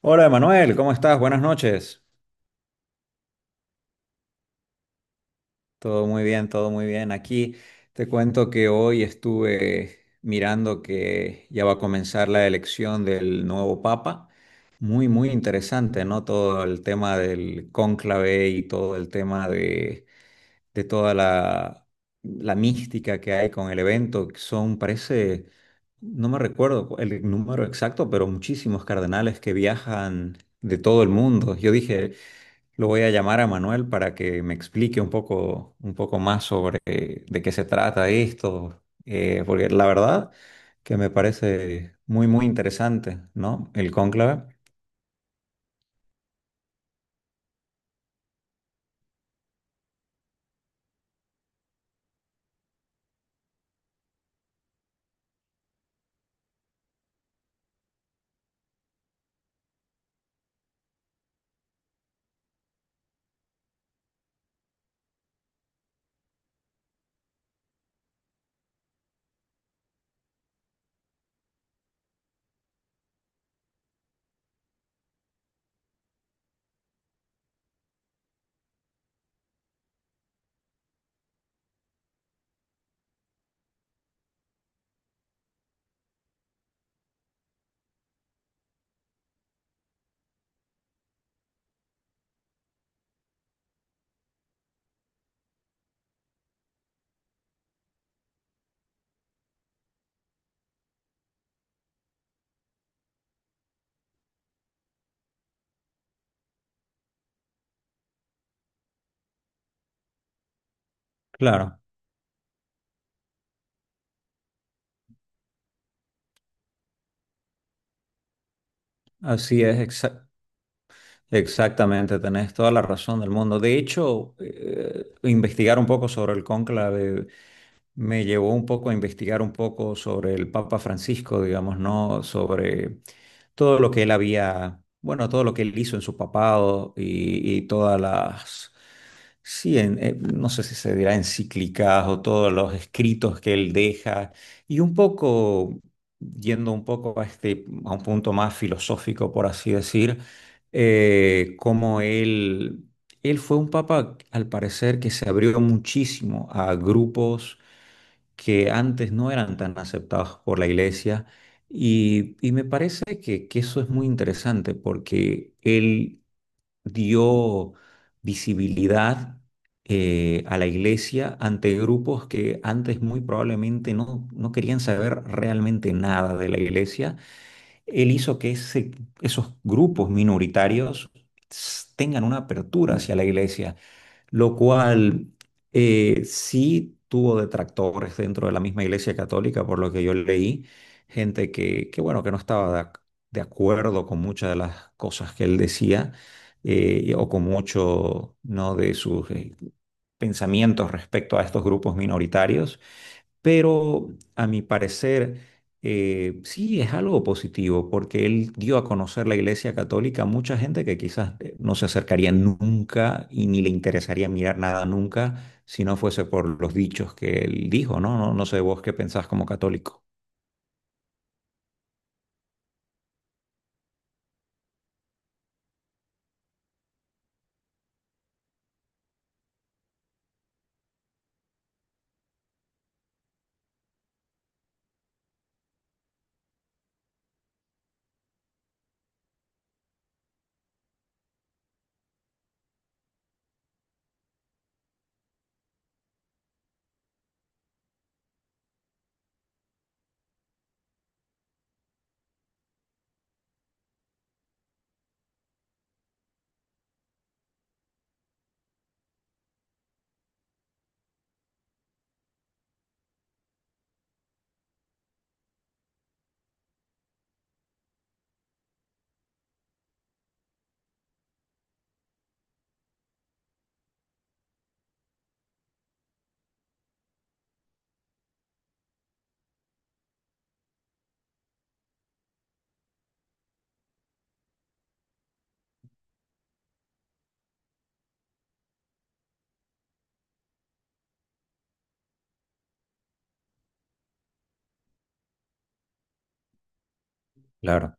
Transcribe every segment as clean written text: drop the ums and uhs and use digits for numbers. Hola, Emanuel, ¿cómo estás? Buenas noches. Todo muy bien, todo muy bien. Aquí te cuento que hoy estuve mirando que ya va a comenzar la elección del nuevo Papa. Muy, muy interesante, ¿no? Todo el tema del cónclave y todo el tema de toda la mística que hay con el evento. Que Son, parece, no me recuerdo el número exacto, pero muchísimos cardenales que viajan de todo el mundo. Yo dije, lo voy a llamar a Manuel para que me explique un poco más sobre de qué se trata esto, porque la verdad que me parece muy, muy interesante, ¿no? El cónclave. Claro, así es, exactamente, tenés toda la razón del mundo. De hecho, investigar un poco sobre el cónclave me llevó un poco a investigar un poco sobre el Papa Francisco, digamos, ¿no? Sobre todo lo que él había, bueno, todo lo que él hizo en su papado y todas las, sí, no sé si se dirá encíclicas o todos los escritos que él deja, y un poco, yendo un poco a este, a un punto más filosófico, por así decir, cómo él fue un papa, al parecer, que se abrió muchísimo a grupos que antes no eran tan aceptados por la iglesia. Y me parece que eso es muy interesante porque él dio visibilidad a la iglesia ante grupos que antes muy probablemente no querían saber realmente nada de la iglesia. Él hizo que esos grupos minoritarios tengan una apertura hacia la iglesia, lo cual sí tuvo detractores dentro de la misma Iglesia Católica, por lo que yo leí, gente que bueno, que no estaba de acuerdo con muchas de las cosas que él decía, o con mucho, ¿no? de sus pensamientos respecto a estos grupos minoritarios. Pero a mi parecer, sí es algo positivo, porque él dio a conocer la Iglesia Católica a mucha gente que quizás no se acercaría nunca y ni le interesaría mirar nada nunca si no fuese por los dichos que él dijo, ¿no? No, no sé vos qué pensás como católico. Claro,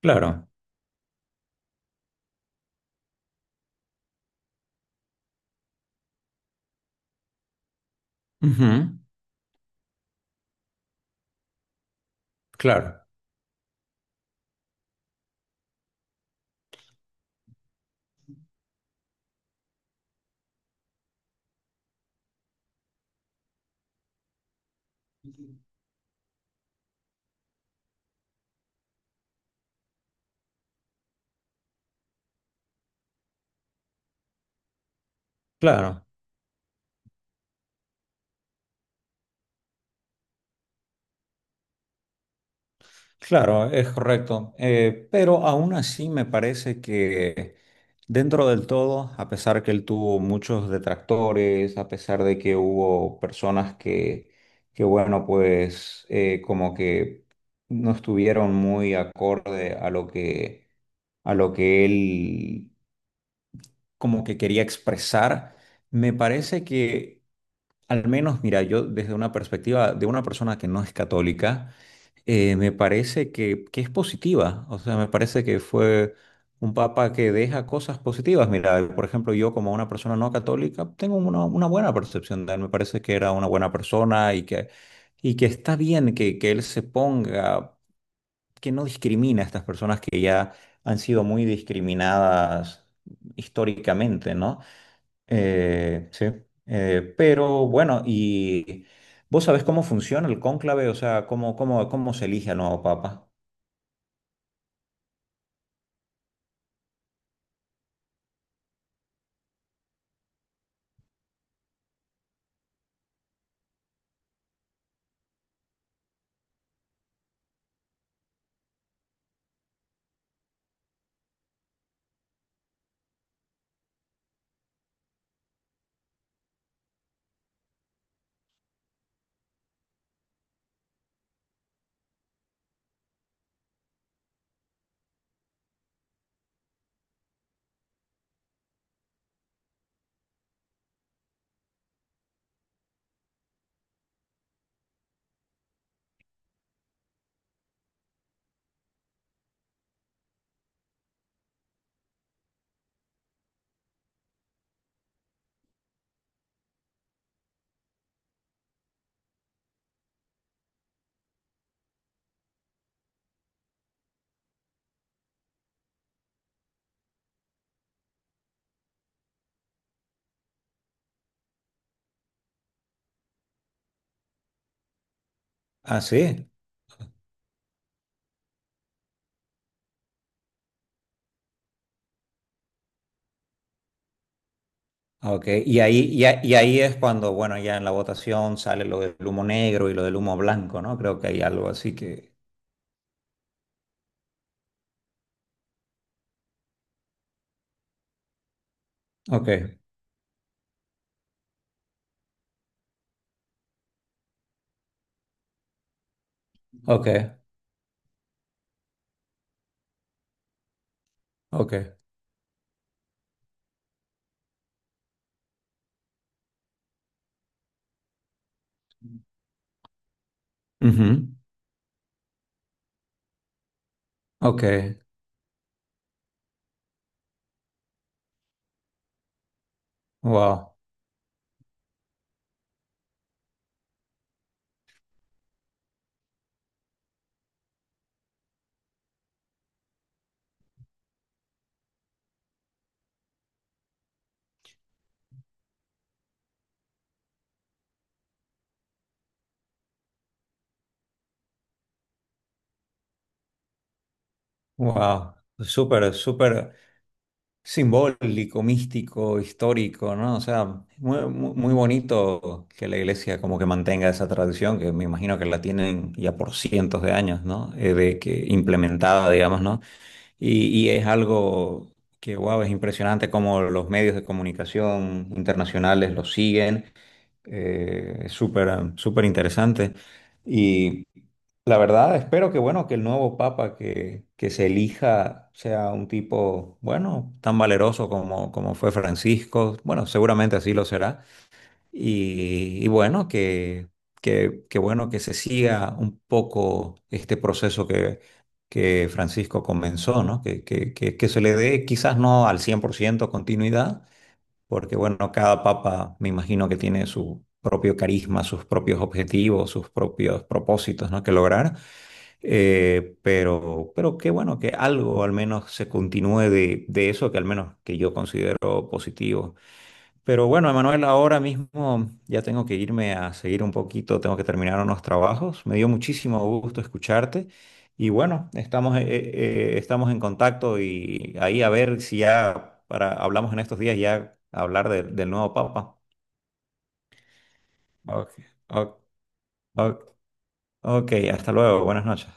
claro, ujú, claro, claro. Claro, es correcto. Pero aún así me parece que dentro del todo, a pesar que él tuvo muchos detractores, a pesar de que hubo personas que bueno, pues como que no estuvieron muy acorde a lo que él como que quería expresar, me parece que al menos, mira, yo desde una perspectiva de una persona que no es católica, me parece que es positiva. O sea, me parece que fue un papa que deja cosas positivas. Mira, por ejemplo, yo como una persona no católica tengo una buena percepción de él. Me parece que era una buena persona y que está bien que él se ponga, que no discrimina a estas personas que ya han sido muy discriminadas históricamente, ¿no? Sí, pero bueno, ¿y vos sabés cómo funciona el cónclave? O sea, ¿cómo se elige al nuevo papa? Ah, sí, ok. Y ahí es cuando, bueno, ya en la votación sale lo del humo negro y lo del humo blanco, ¿no? Creo que hay algo así que... Ok, ok, ok. Ujú, ok, wow, wow. Súper, súper simbólico, místico, histórico, ¿no? O sea, muy bonito que la iglesia como que mantenga esa tradición, que me imagino que la tienen ya por cientos de años, ¿no? De que implementada, digamos, ¿no? Y es algo que, wow, es impresionante cómo los medios de comunicación internacionales lo siguen, es súper, súper interesante. Y la verdad, espero que, bueno, que el nuevo papa que se elija sea un tipo, bueno, tan valeroso como fue Francisco. Bueno, seguramente así lo será. Y bueno, que bueno, que se siga un poco este proceso que Francisco comenzó, ¿no? Que se le dé quizás no al 100% continuidad porque bueno, cada papa me imagino que tiene su propio carisma, sus propios objetivos, sus propios propósitos, ¿no? que lograr. Pero qué bueno que algo al menos se continúe de eso que al menos que yo considero positivo. Pero bueno, Emanuel, ahora mismo ya tengo que irme a seguir un poquito, tengo que terminar unos trabajos. Me dio muchísimo gusto escucharte y bueno, estamos en contacto y ahí a ver si ya para, hablamos en estos días ya hablar del nuevo Papa. Ok, ok, ok, ok, hasta luego, buenas noches.